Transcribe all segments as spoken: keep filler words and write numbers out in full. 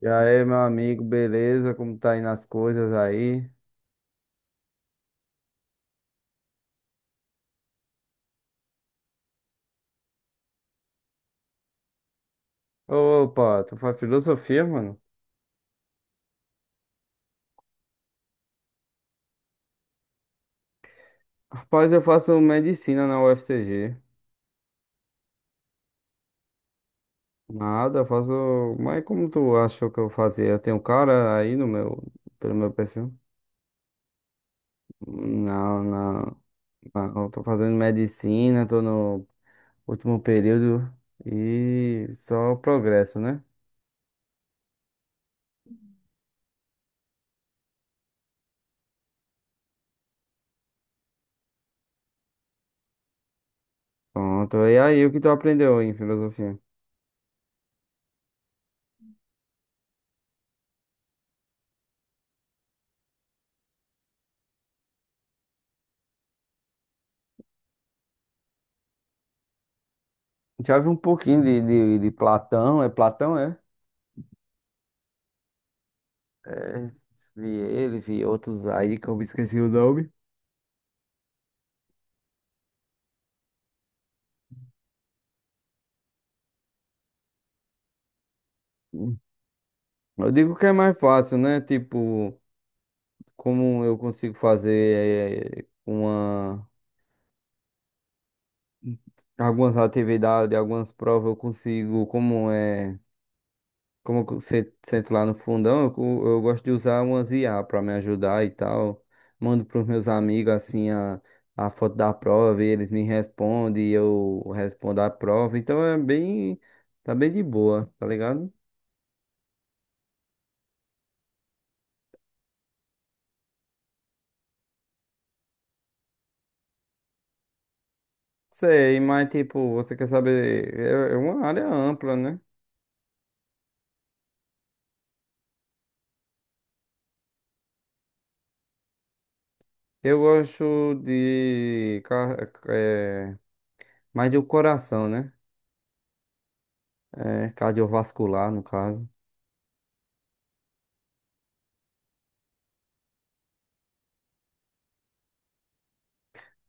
E aí, meu amigo, beleza? Como tá indo as coisas aí? Opa, tu faz filosofia, mano? Rapaz, eu faço medicina na U F C G. Nada, eu faço. Mas como tu achou que eu fazia? Eu tenho um cara aí no meu, pelo meu perfil? Não, não. Não, eu tô fazendo medicina, tô no último período e só progresso, né? Pronto. E aí, o que tu aprendeu em filosofia? Já vi um pouquinho de, de, de Platão, é Platão, é? É, vi ele, vi outros aí que eu me esqueci o nome. Eu digo que é mais fácil, né? Tipo, como eu consigo fazer eh, uma, algumas atividades, algumas provas, eu consigo, como é, como eu se- sento lá no fundão, eu, co- eu gosto de usar umas I A para me ajudar e tal. Mando para os meus amigos assim a, a foto da prova, e eles me respondem e eu respondo a prova. Então é bem, tá bem de boa, tá ligado? Sei, mas tipo, você quer saber, é é uma área ampla, né? Eu gosto de ca- é, mais do coração, né? É, cardiovascular, no caso.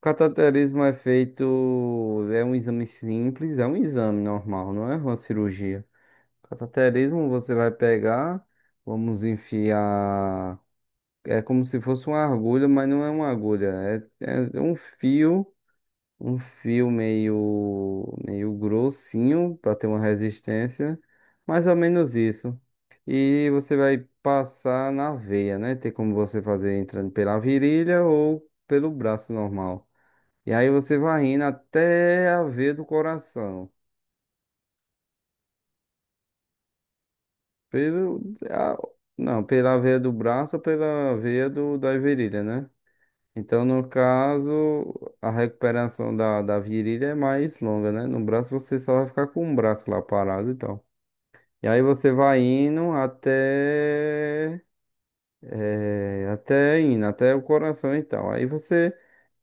Cateterismo é feito, é um exame simples, é um exame normal, não é uma cirurgia. Cateterismo você vai pegar, vamos enfiar, é como se fosse uma agulha, mas não é uma agulha, é é um fio. Um fio meio, meio grossinho para ter uma resistência, mais ou menos isso. E você vai passar na veia, né? Tem como você fazer entrando pela virilha ou pelo braço normal. E aí você vai indo até a veia do coração. Pelo, a- não, pela veia do braço ou pela veia do, da virilha, né? Então, no caso, a recuperação da, da virilha é mais longa, né? No braço você só vai ficar com o braço lá parado e tal. E aí você vai indo até. Eh, até indo, até o coração e tal. Aí você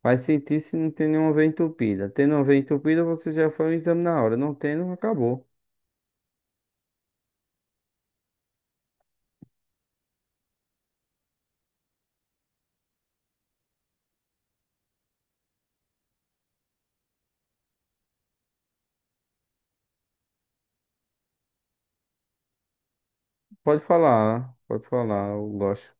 vai sentir se não tem nenhuma veia entupida. Tendo uma veia entupida, você já faz o exame na hora. Não tendo, acabou. Pode falar, pode falar, eu gosto.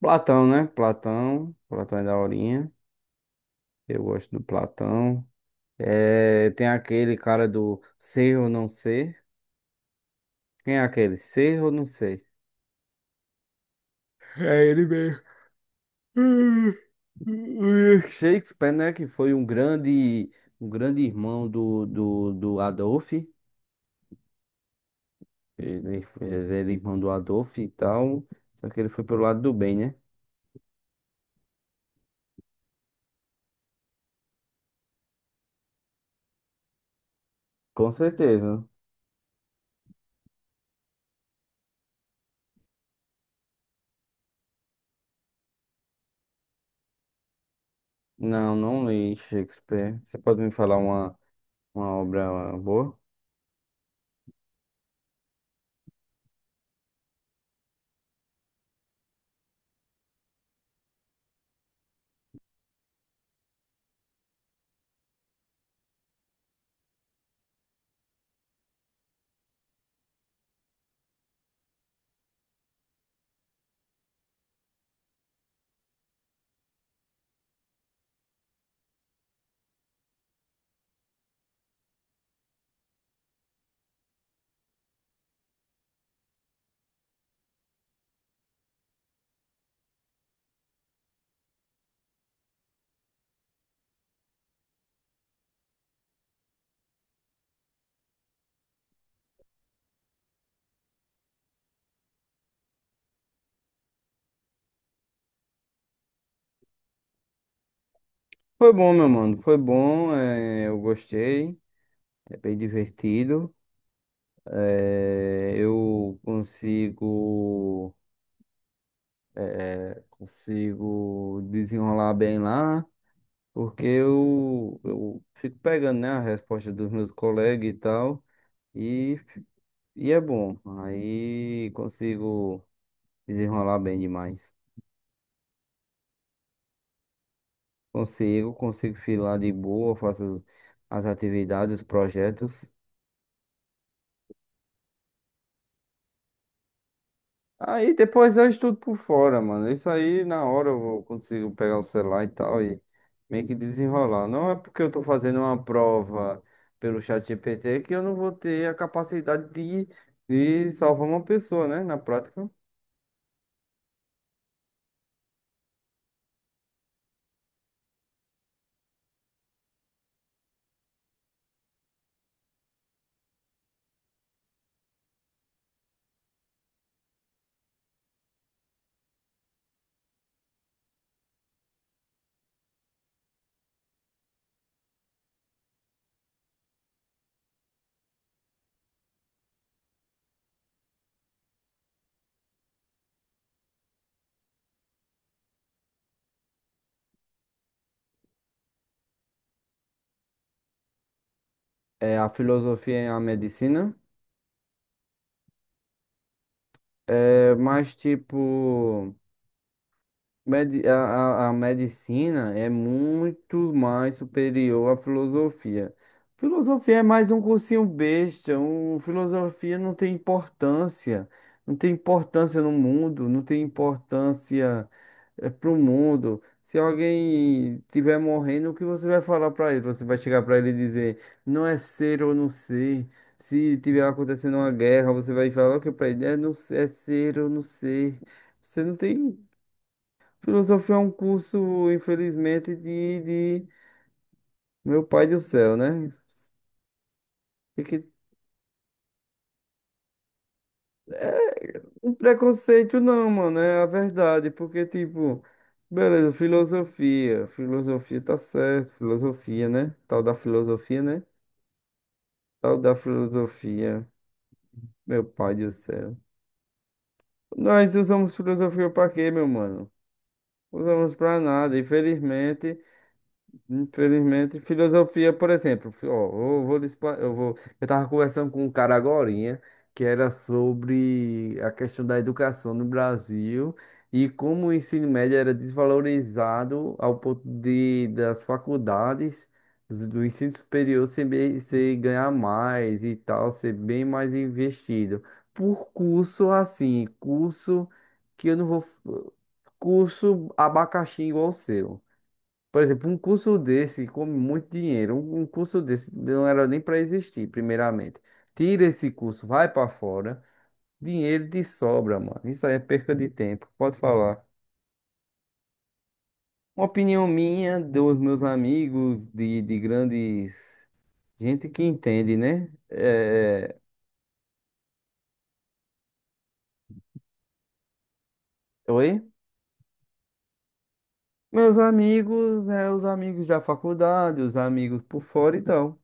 Platão, né? Platão. Platão é da horinha. Eu gosto do Platão. É, tem aquele cara do ser ou não ser. Quem é aquele? Ser ou não ser? É ele mesmo. William Shakespeare, né? Que foi um grande, um grande irmão do, do, do Adolf. Ele, ele era irmão do Adolf e tal. Só que ele foi pelo lado do bem, né? Com certeza. Não, não li Shakespeare. Você pode me falar uma, uma obra boa? Foi bom, meu mano. Foi bom. É, eu gostei. É bem divertido. É, eu consigo, consigo desenrolar bem lá, porque eu, eu fico pegando, né, a resposta dos meus colegas e tal, e, fi- e é bom. Aí consigo desenrolar bem demais. Consigo, consigo filar de boa, faço as as atividades, os projetos. Aí depois eu estudo por fora, mano. Isso aí na hora eu vou- consigo pegar o celular e tal e meio que desenrolar. Não é porque eu tô fazendo uma prova pelo ChatGPT que eu não vou ter a capacidade de, de salvar uma pessoa, né? Na prática. É, a filosofia é a medicina. É, mas tipo. Medi- a, a, a medicina é muito mais superior à filosofia. Filosofia é mais um cursinho besta, um, filosofia não tem importância, não tem importância no mundo, não tem importância para o mundo. Se alguém estiver morrendo, o que você vai falar para ele? Você vai chegar para ele e dizer, não é ser ou não ser. Se tiver acontecendo uma guerra, você vai falar o que para ele? É, não, é ser ou não ser. Você não tem. Filosofia é um curso, infelizmente, de, de meu pai do céu, né? E que um preconceito não, mano, é a verdade, porque, tipo, beleza, filosofia, filosofia tá certo, filosofia, né? Tal da filosofia, né? Tal da filosofia, meu pai do céu. Nós usamos filosofia pra quê, meu mano? Usamos pra nada, infelizmente. Infelizmente, filosofia, por exemplo, fi- ó, eu vou, lhe expla- eu vou, eu tava conversando com um cara agorinha que era sobre a questão da educação no Brasil e como o ensino médio era desvalorizado ao ponto de das faculdades dos- do ensino superior ser, bem- ser ganhar mais e tal, ser bem mais investido por curso assim, curso que eu não vou curso abacaxi igual o seu. Por exemplo, um curso desse come muito dinheiro. Um um curso desse não era nem para existir, primeiramente. Tira esse curso, vai para fora. Dinheiro de sobra, mano. Isso aí é perca de tempo. Pode falar. Uma opinião minha, dos meus amigos, de, de grandes. Gente que entende, né? É... é, oi? Meus amigos, é, os amigos da faculdade, os amigos por fora e tal.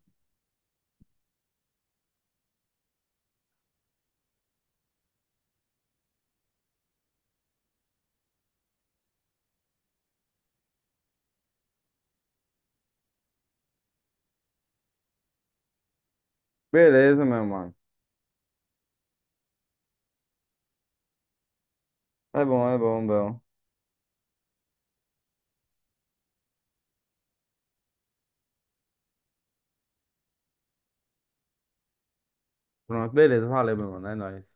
Beleza, meu mano. É bom, é bom, bom. Pronto, beleza. Valeu, meu mano. É nóis.